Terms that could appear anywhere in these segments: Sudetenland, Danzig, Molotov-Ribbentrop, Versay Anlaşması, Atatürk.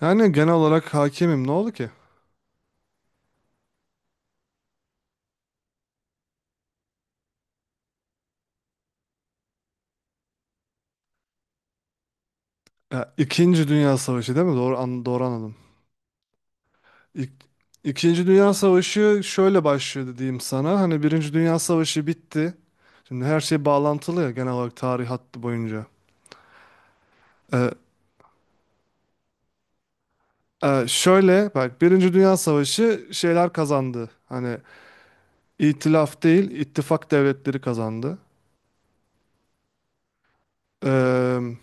Yani genel olarak hakimim. Ne oldu ki? Ya, İkinci Dünya Savaşı değil mi? Doğru anladım. İk, İkinci Dünya Savaşı şöyle başlıyor diyeyim sana. Hani Birinci Dünya Savaşı bitti. Şimdi her şey bağlantılı ya genel olarak tarih hattı boyunca. Ee, Şöyle bak Birinci Dünya Savaşı şeyler kazandı. Hani itilaf değil ittifak devletleri kazandı. Ee,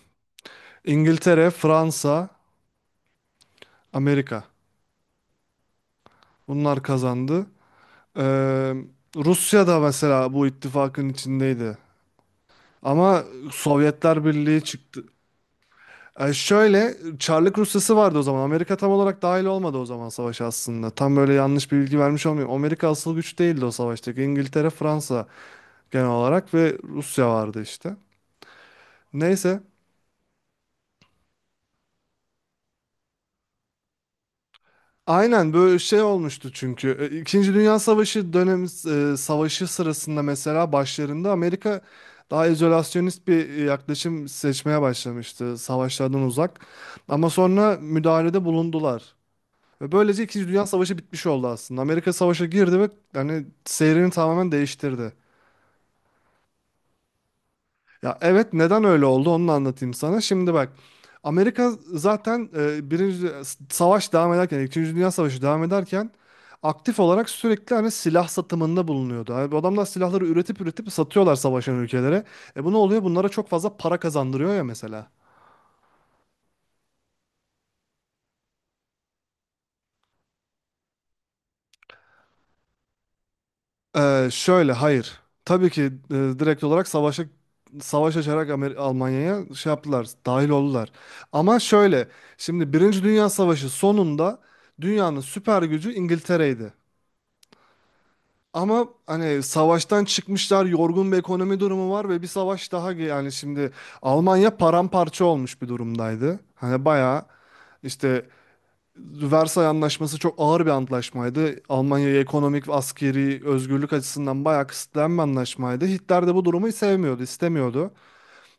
İngiltere, Fransa, Amerika. Bunlar kazandı. Ee, Rusya da mesela bu ittifakın içindeydi. Ama Sovyetler Birliği çıktı. Şöyle Çarlık Rusyası vardı o zaman. Amerika tam olarak dahil olmadı o zaman savaşa aslında. Tam böyle yanlış bir bilgi vermiş olmayayım. Amerika asıl güç değildi o savaştaki. İngiltere, Fransa genel olarak ve Rusya vardı işte. Neyse. Aynen böyle şey olmuştu çünkü. E, İkinci Dünya Savaşı dönemi savaşı sırasında mesela başlarında Amerika daha izolasyonist bir yaklaşım seçmeye başlamıştı savaşlardan uzak. Ama sonra müdahalede bulundular. Ve böylece İkinci Dünya Savaşı bitmiş oldu aslında. Amerika savaşa girdi ve hani seyrini tamamen değiştirdi. Ya evet neden öyle oldu onu da anlatayım sana. Şimdi bak Amerika zaten savaş devam ederken İkinci Dünya Savaşı devam ederken aktif olarak sürekli hani silah satımında bulunuyordu. Abi, bu adamlar silahları üretip üretip satıyorlar savaşan ülkelere. E bu ne oluyor? Bunlara çok fazla para kazandırıyor ya mesela. Şöyle hayır. Tabii ki direkt olarak savaşa savaş açarak Almanya'ya şey yaptılar, dahil oldular. Ama şöyle, şimdi Birinci Dünya Savaşı sonunda dünyanın süper gücü İngiltere'ydi. Ama hani savaştan çıkmışlar, yorgun bir ekonomi durumu var ve bir savaş daha yani şimdi Almanya paramparça olmuş bir durumdaydı. Hani bayağı işte Versay Anlaşması çok ağır bir antlaşmaydı. Almanya'ya ekonomik ve askeri özgürlük açısından bayağı kısıtlayan bir anlaşmaydı. Hitler de bu durumu sevmiyordu, istemiyordu.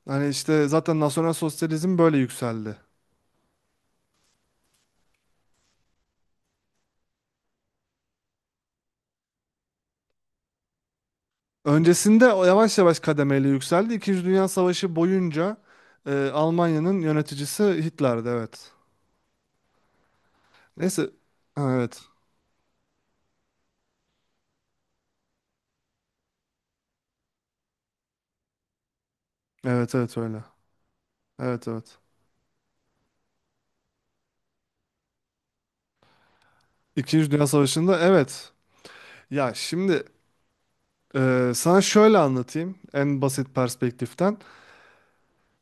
Hani işte zaten nasyonel sosyalizm böyle yükseldi. Öncesinde o yavaş yavaş kademeli yükseldi. İkinci Dünya Savaşı boyunca Almanya'nın yöneticisi Hitler'di, evet. Neyse, ha, evet. Evet, evet öyle. Evet, evet. İkinci Dünya Savaşı'nda evet. Ya şimdi sana şöyle anlatayım en basit perspektiften.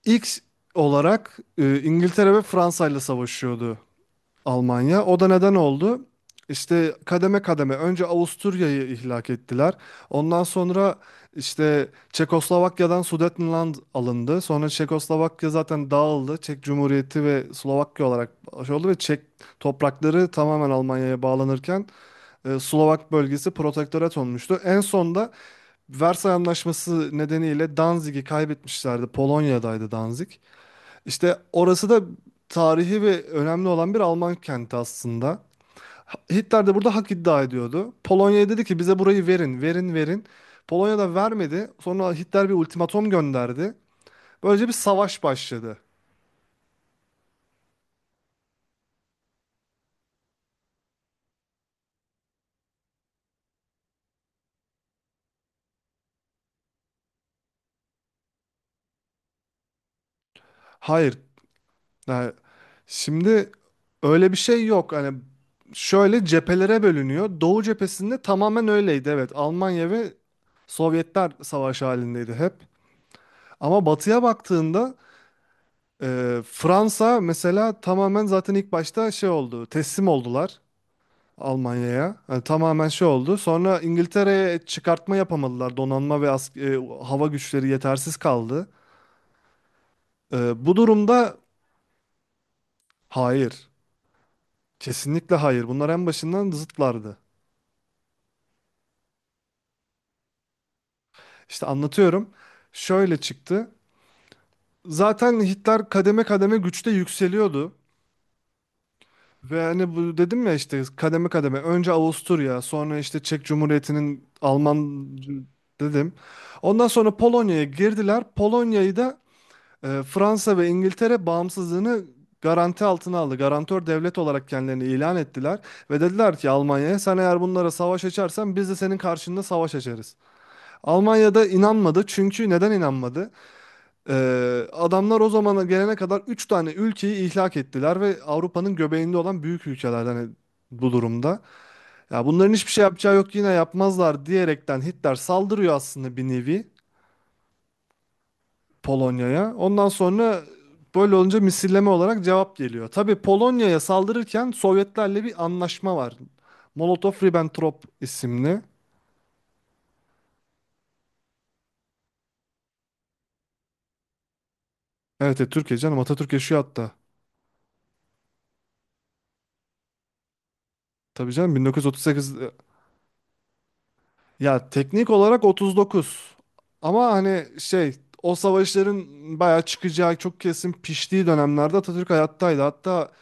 İlk olarak İngiltere ve Fransa ile savaşıyordu Almanya. O da neden oldu? İşte kademe kademe önce Avusturya'yı ihlak ettiler. Ondan sonra işte Çekoslovakya'dan Sudetenland alındı. Sonra Çekoslovakya zaten dağıldı. Çek Cumhuriyeti ve Slovakya olarak şey oldu ve Çek toprakları tamamen Almanya'ya bağlanırken Slovak bölgesi protektorat olmuştu. En son da Versay Anlaşması nedeniyle Danzig'i kaybetmişlerdi. Polonya'daydı Danzig. İşte orası da tarihi ve önemli olan bir Alman kenti aslında. Hitler de burada hak iddia ediyordu. Polonya'ya dedi ki bize burayı verin, verin, verin. Polonya da vermedi. Sonra Hitler bir ultimatom gönderdi. Böylece bir savaş başladı. Hayır, yani şimdi öyle bir şey yok. Hani şöyle cephelere bölünüyor. Doğu cephesinde tamamen öyleydi. Evet, Almanya ve Sovyetler savaş halindeydi hep. Ama batıya baktığında Fransa mesela tamamen zaten ilk başta şey oldu. Teslim oldular Almanya'ya. Yani tamamen şey oldu. Sonra İngiltere'ye çıkartma yapamadılar. Donanma ve hava güçleri yetersiz kaldı. Bu durumda hayır. Kesinlikle hayır. Bunlar en başından zıtlardı. İşte anlatıyorum. Şöyle çıktı. Zaten Hitler kademe kademe güçte yükseliyordu. Ve hani bu dedim ya işte kademe kademe önce Avusturya sonra işte Çek Cumhuriyeti'nin Alman dedim. Ondan sonra Polonya'ya girdiler. Polonya'yı da Fransa ve İngiltere bağımsızlığını garanti altına aldı. Garantör devlet olarak kendilerini ilan ettiler ve dediler ki Almanya'ya sen eğer bunlara savaş açarsan biz de senin karşında savaş açarız. Almanya'da inanmadı çünkü neden inanmadı? Adamlar o zamana gelene kadar 3 tane ülkeyi ihlak ettiler ve Avrupa'nın göbeğinde olan büyük ülkeler hani bu durumda. Ya bunların hiçbir şey yapacağı yok yine yapmazlar diyerekten Hitler saldırıyor aslında bir nevi Polonya'ya. Ondan sonra böyle olunca misilleme olarak cevap geliyor. Tabii Polonya'ya saldırırken Sovyetlerle bir anlaşma var. Molotov-Ribbentrop isimli. Evet, evet Türkiye canım Atatürk yaşıyor hatta. Tabii canım 1938. Ya teknik olarak 39. Ama hani şey o savaşların bayağı çıkacağı çok kesin piştiği dönemlerde Atatürk hayattaydı. Hatta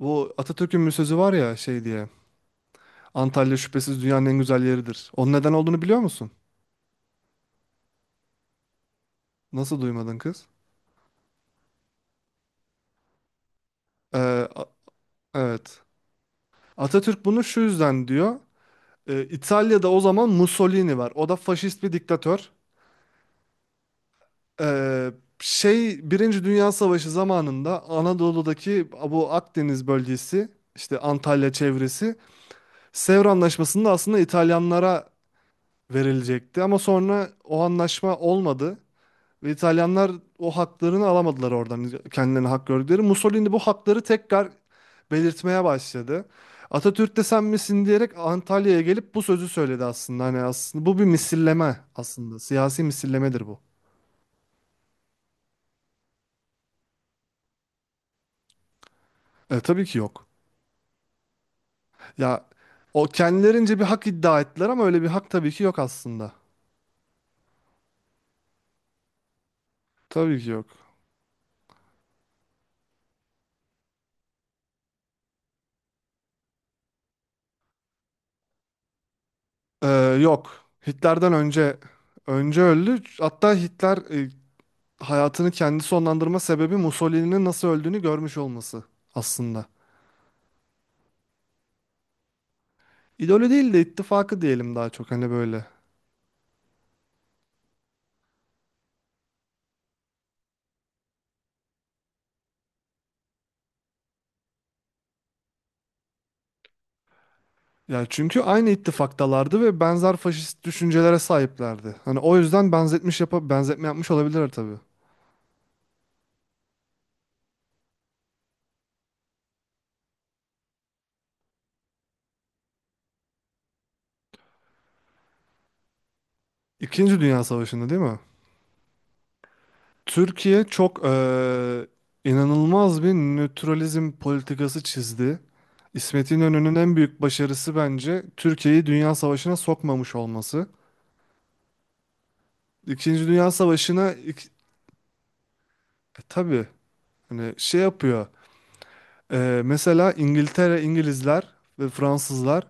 bu Atatürk'ün bir sözü var ya şey diye. Antalya şüphesiz dünyanın en güzel yeridir. Onun neden olduğunu biliyor musun? Nasıl duymadın kız? Ee, a- evet. Atatürk bunu şu yüzden diyor. İtalya'da o zaman Mussolini var. O da faşist bir diktatör. Ee, Şey Birinci Dünya Savaşı zamanında Anadolu'daki bu Akdeniz bölgesi işte Antalya çevresi Sevr Anlaşması'nda aslında İtalyanlara verilecekti ama sonra o anlaşma olmadı ve İtalyanlar o haklarını alamadılar oradan kendilerine hak gördükleri. Mussolini bu hakları tekrar belirtmeye başladı. Atatürk de sen misin diyerek Antalya'ya gelip bu sözü söyledi aslında. Hani aslında bu bir misilleme aslında. Siyasi misillemedir bu. E, tabii ki yok. Ya o kendilerince bir hak iddia ettiler ama öyle bir hak tabii ki yok aslında. Tabii ki yok. Ee, Yok. Hitler'den önce önce öldü. Hatta Hitler hayatını kendi sonlandırma sebebi Mussolini'nin nasıl öldüğünü görmüş olması aslında. İdolü değil de ittifakı diyelim daha çok hani böyle. Ya çünkü aynı ittifaktalardı ve benzer faşist düşüncelere sahiplerdi. Hani o yüzden benzetmiş yapa benzetme yapmış olabilir tabii. İkinci Dünya Savaşı'nda değil mi? Türkiye çok inanılmaz bir nötralizm politikası çizdi. İsmet İnönü'nün en büyük başarısı bence Türkiye'yi Dünya Savaşı'na sokmamış olması. İkinci Dünya Savaşı'na tabii hani şey yapıyor. Mesela İngiltere, İngilizler ve Fransızlar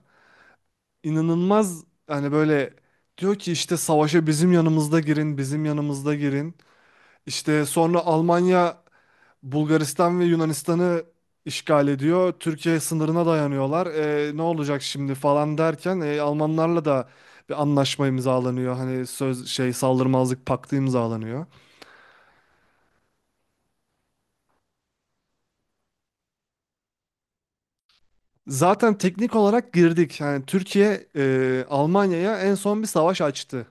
inanılmaz hani böyle diyor ki işte savaşa bizim yanımızda girin, bizim yanımızda girin. İşte sonra Almanya Bulgaristan ve Yunanistan'ı işgal ediyor. Türkiye sınırına dayanıyorlar. E, ne olacak şimdi falan derken Almanlarla da bir anlaşma imzalanıyor. Hani söz şey saldırmazlık paktı imzalanıyor. Zaten teknik olarak girdik. Yani Türkiye Almanya'ya en son bir savaş açtı.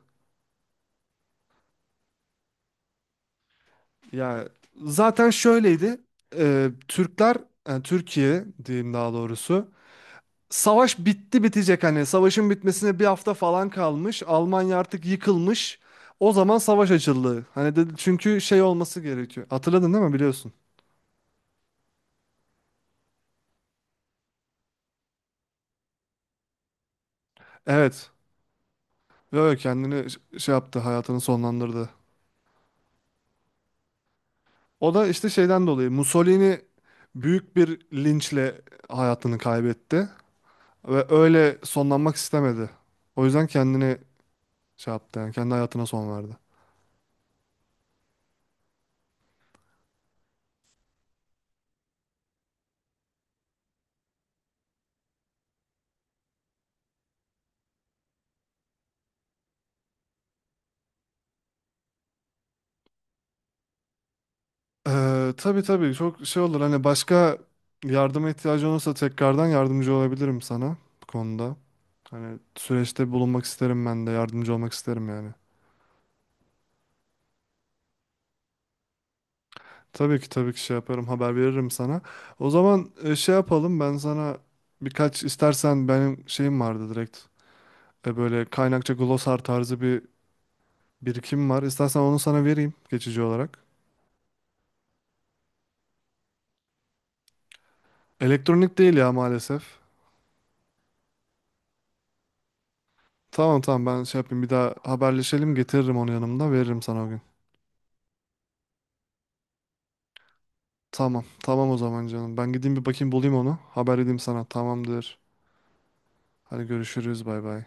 Ya zaten şöyleydi. E, Türkler yani Türkiye diyeyim daha doğrusu. Savaş bitti bitecek hani savaşın bitmesine bir hafta falan kalmış. Almanya artık yıkılmış. O zaman savaş açıldı. Hani dedi çünkü şey olması gerekiyor. Hatırladın değil mi biliyorsun? Evet. Böyle kendini şey yaptı hayatını sonlandırdı. O da işte şeyden dolayı Mussolini büyük bir linçle hayatını kaybetti. Ve öyle sonlanmak istemedi. O yüzden kendini şey yaptı yani kendi hayatına son verdi. Tabii tabii çok şey olur hani başka yardıma ihtiyacı olursa tekrardan yardımcı olabilirim sana bu konuda. Hani süreçte bulunmak isterim ben de yardımcı olmak isterim yani. Tabii ki tabii ki şey yaparım haber veririm sana. O zaman şey yapalım ben sana birkaç istersen benim şeyim vardı direkt. E, böyle kaynakça glosar tarzı bir birikim var. İstersen onu sana vereyim geçici olarak. Elektronik değil ya maalesef. Tamam tamam ben şey yapayım bir daha haberleşelim getiririm onu yanımda veririm sana o gün. Tamam. Tamam o zaman canım. Ben gideyim bir bakayım bulayım onu. Haber edeyim sana. Tamamdır. Hadi görüşürüz. Bay bay.